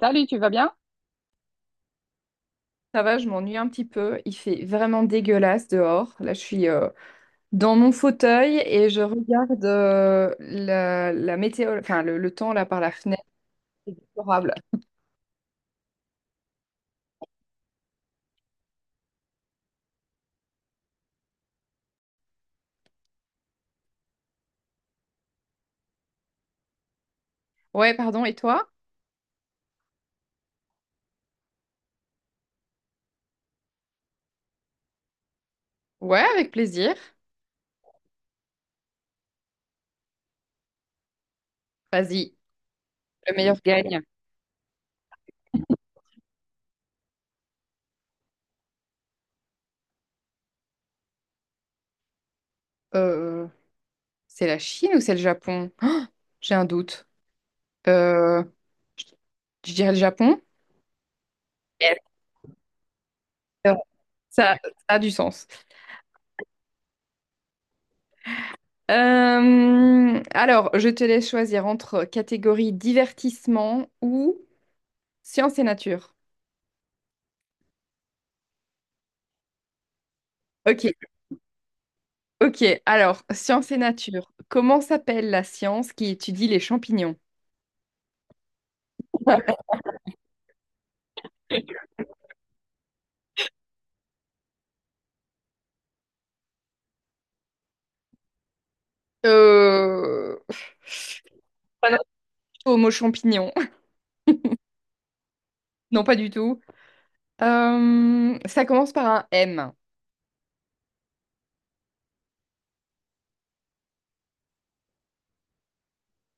Salut, tu vas bien? Ça va, je m'ennuie un petit peu. Il fait vraiment dégueulasse dehors. Là, je suis dans mon fauteuil et je regarde la météo, enfin le temps là par la fenêtre. C'est déplorable. Ouais, pardon. Et toi? Ouais, avec plaisir. Vas-y, le meilleur gagne. Euh, c'est la Chine ou c'est le Japon? J'ai un doute. Euh, je dirais le Japon. Yes. Ça a du sens. Alors, je te laisse choisir entre catégorie divertissement ou science et nature. Ok, ok. Alors, science et nature. Comment s'appelle la science qui étudie les champignons? Euh... Pas du tout au mot champignon. Non, pas du tout. Ça commence par un M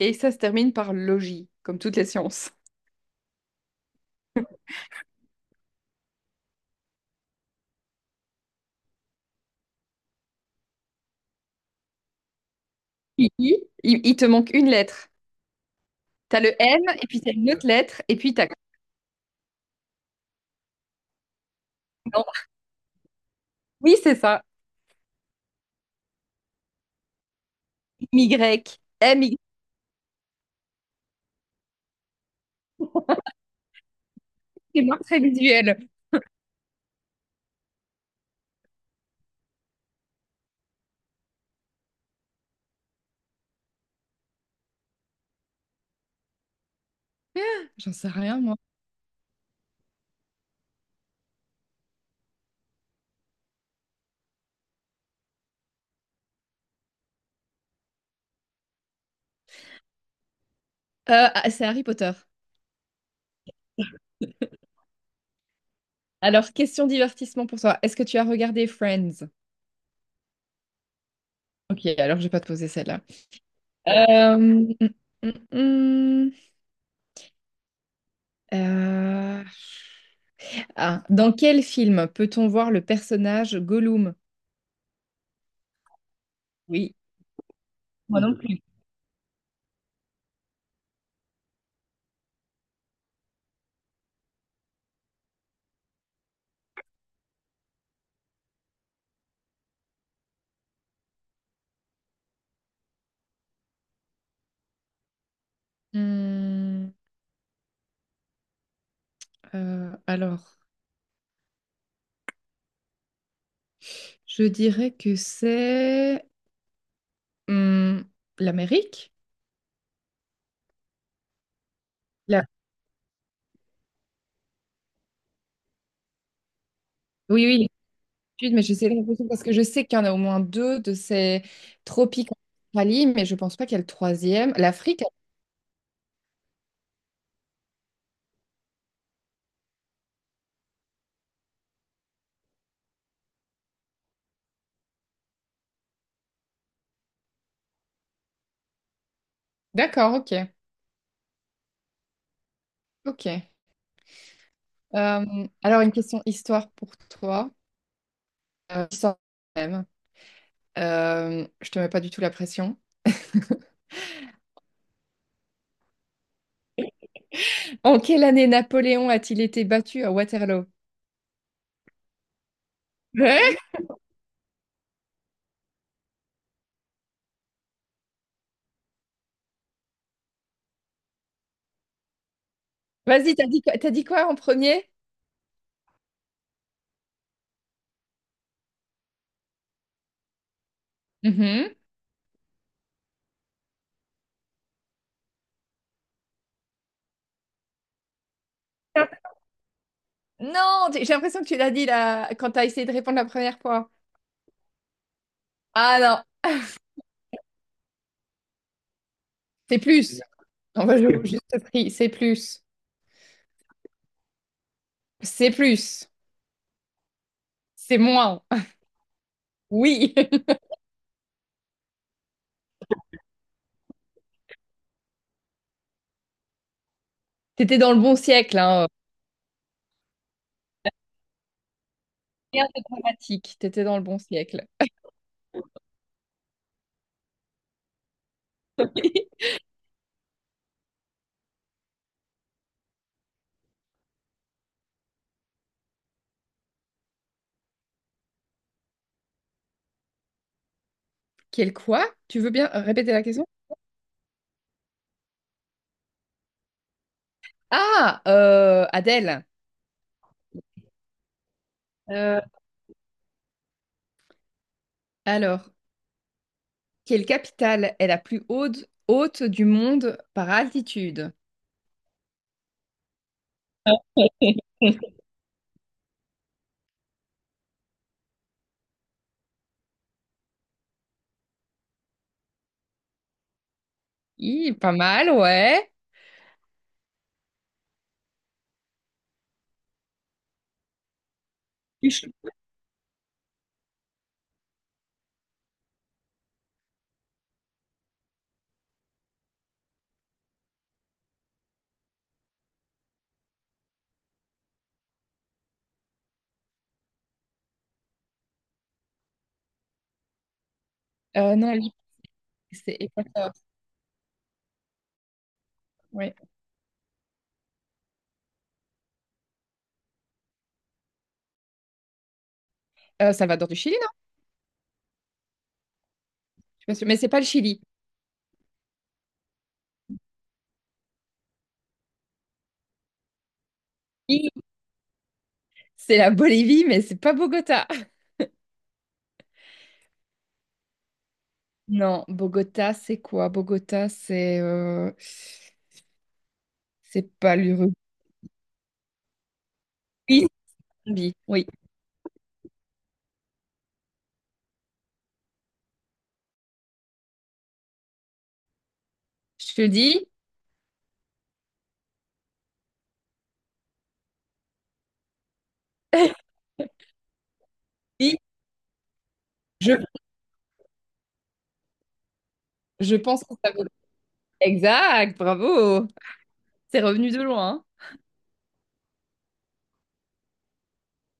et ça se termine par logis, comme toutes les sciences. I, I, il te manque une lettre. T'as le M et puis t'as une autre lettre et puis t'as... Non. Oui, c'est ça. Y, M Y. C'est moi très visuel. J'en sais rien, moi. C'est Harry Potter. Alors, question divertissement pour toi. Est-ce que tu as regardé Friends? Ok, alors je vais pas te poser celle-là. Euh, mm, mm, mm. mm. Euh, dans quel film peut-on voir le personnage Gollum? Oui, moi non plus. Hmm, alors, je dirais que c'est hmm, l'Amérique. La- Oui, oui, Sud, mais je sais l'impression parce que je sais qu'il y en a au moins deux de ces tropiques en Australie, mais je pense pas qu'il y a le troisième. L'Afrique, d'accord, ok, ok. Alors une question histoire pour toi, histoire même. Je te mets pas du tout la pression. En quelle année Napoléon a-t-il été battu à Waterloo? Ouais. Vas-y, t'as dit quoi en premier? Mhm. Non, j'ai l'impression que tu l'as dit là quand t'as essayé de répondre la première fois. Ah non, c'est plus. On va jouer juste prix, c'est plus. C'est plus, c'est moins. Oui, t'étais dans le bon siècle, hein. Rien de dramatique, t'étais dans le bon siècle. Quel quoi? Tu veux bien répéter la question? Ah, Adèle. Euh, alors, quelle capitale est la plus haute, haute du monde par altitude? Hi, pas mal, ouais. Ichi- non, c'est Équateur. Ouais. Salvador du Chili, non? Je suis pas sûre. Mais c'est pas le Chili. Hi, c'est la Bolivie, mais c'est pas Bogota. Non, Bogota, c'est quoi? Bogota, c'est pas l'Uruguay. Oui, Zambie. Oui, je te dis, oui, je, je pense que ça vaut. Exact, bravo. C'est revenu de loin.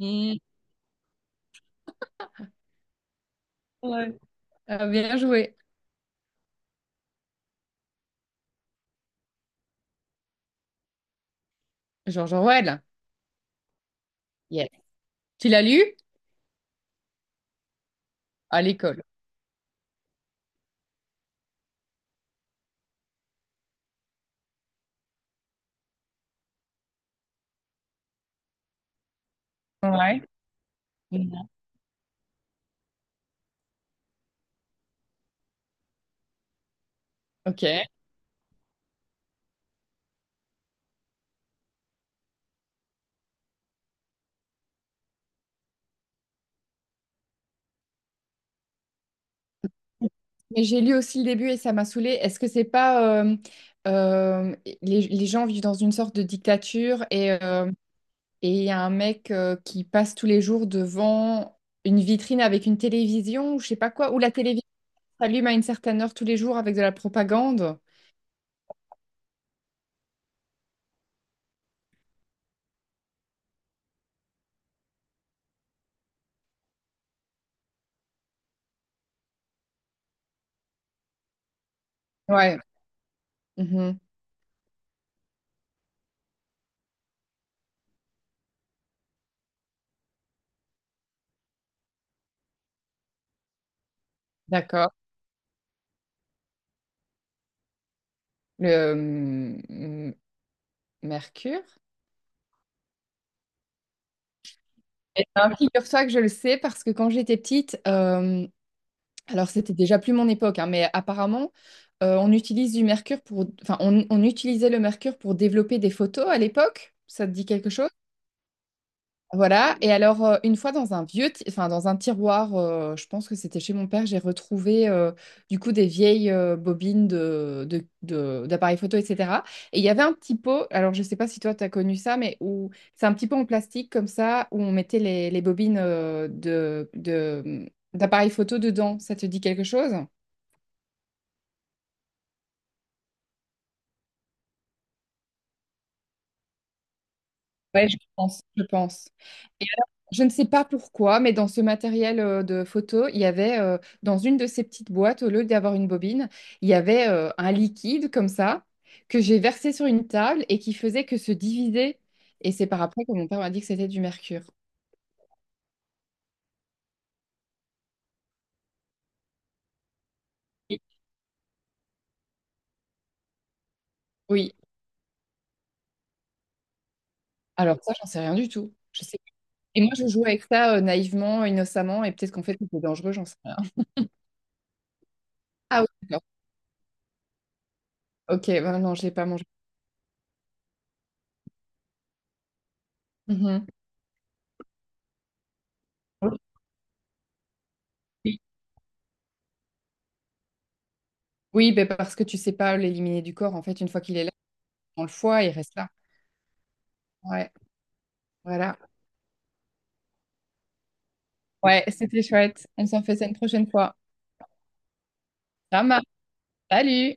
Hein. Mm, ouais. Ah, bien joué. George Orwell. Yes. Tu l'as lu? À l'école. Ouais. Mm. Ok. Mais j'ai lu aussi le début et ça m'a saoulée. Est-ce que c'est pas euh, les, gens vivent dans une sorte de dictature et et il y a un mec qui passe tous les jours devant une vitrine avec une télévision ou je sais pas quoi, où la télévision s'allume à une certaine heure tous les jours avec de la propagande. Ouais. Mhm. D'accord. Le mm, Mercure. Eh ben, figure-toi que je le sais parce que quand j'étais petite, alors c'était déjà plus mon époque, hein, mais apparemment, on utilise du mercure pour, enfin, on utilisait le mercure pour développer des photos à l'époque. Ça te dit quelque chose? Voilà, et alors une fois dans un vieux, enfin dans un tiroir, je pense que c'était chez mon père, j'ai retrouvé du coup des vieilles bobines d'appareils photo, etc. Et il y avait un petit pot, alors je sais pas si toi tu as connu ça, mais où c'est un petit pot en plastique comme ça, où on mettait les bobines d'appareils photo dedans, ça te dit quelque chose? Ouais, je pense. Et alors, je ne sais pas pourquoi, mais dans ce matériel de photo, il y avait, dans une de ces petites boîtes, au lieu d'avoir une bobine, il y avait un liquide comme ça, que j'ai versé sur une table et qui faisait que se diviser. Et c'est par après que mon père m'a dit que c'était du mercure. Oui, oui. Alors ça, j'en sais rien du tout. Je sais pas. Et moi, je joue avec ça naïvement, innocemment, et peut-être qu'en fait, c'était dangereux, j'en sais rien. Ah oui, d'accord. Ok, ben non, je l'ai pas mangé. Mhm. Oui, ben, parce que tu sais pas l'éliminer du corps. En fait, une fois qu'il est là, dans le foie, il reste là. Ouais, voilà. Ouais, c'était chouette. On s'en fait ça une prochaine fois. Ça marche. Salut!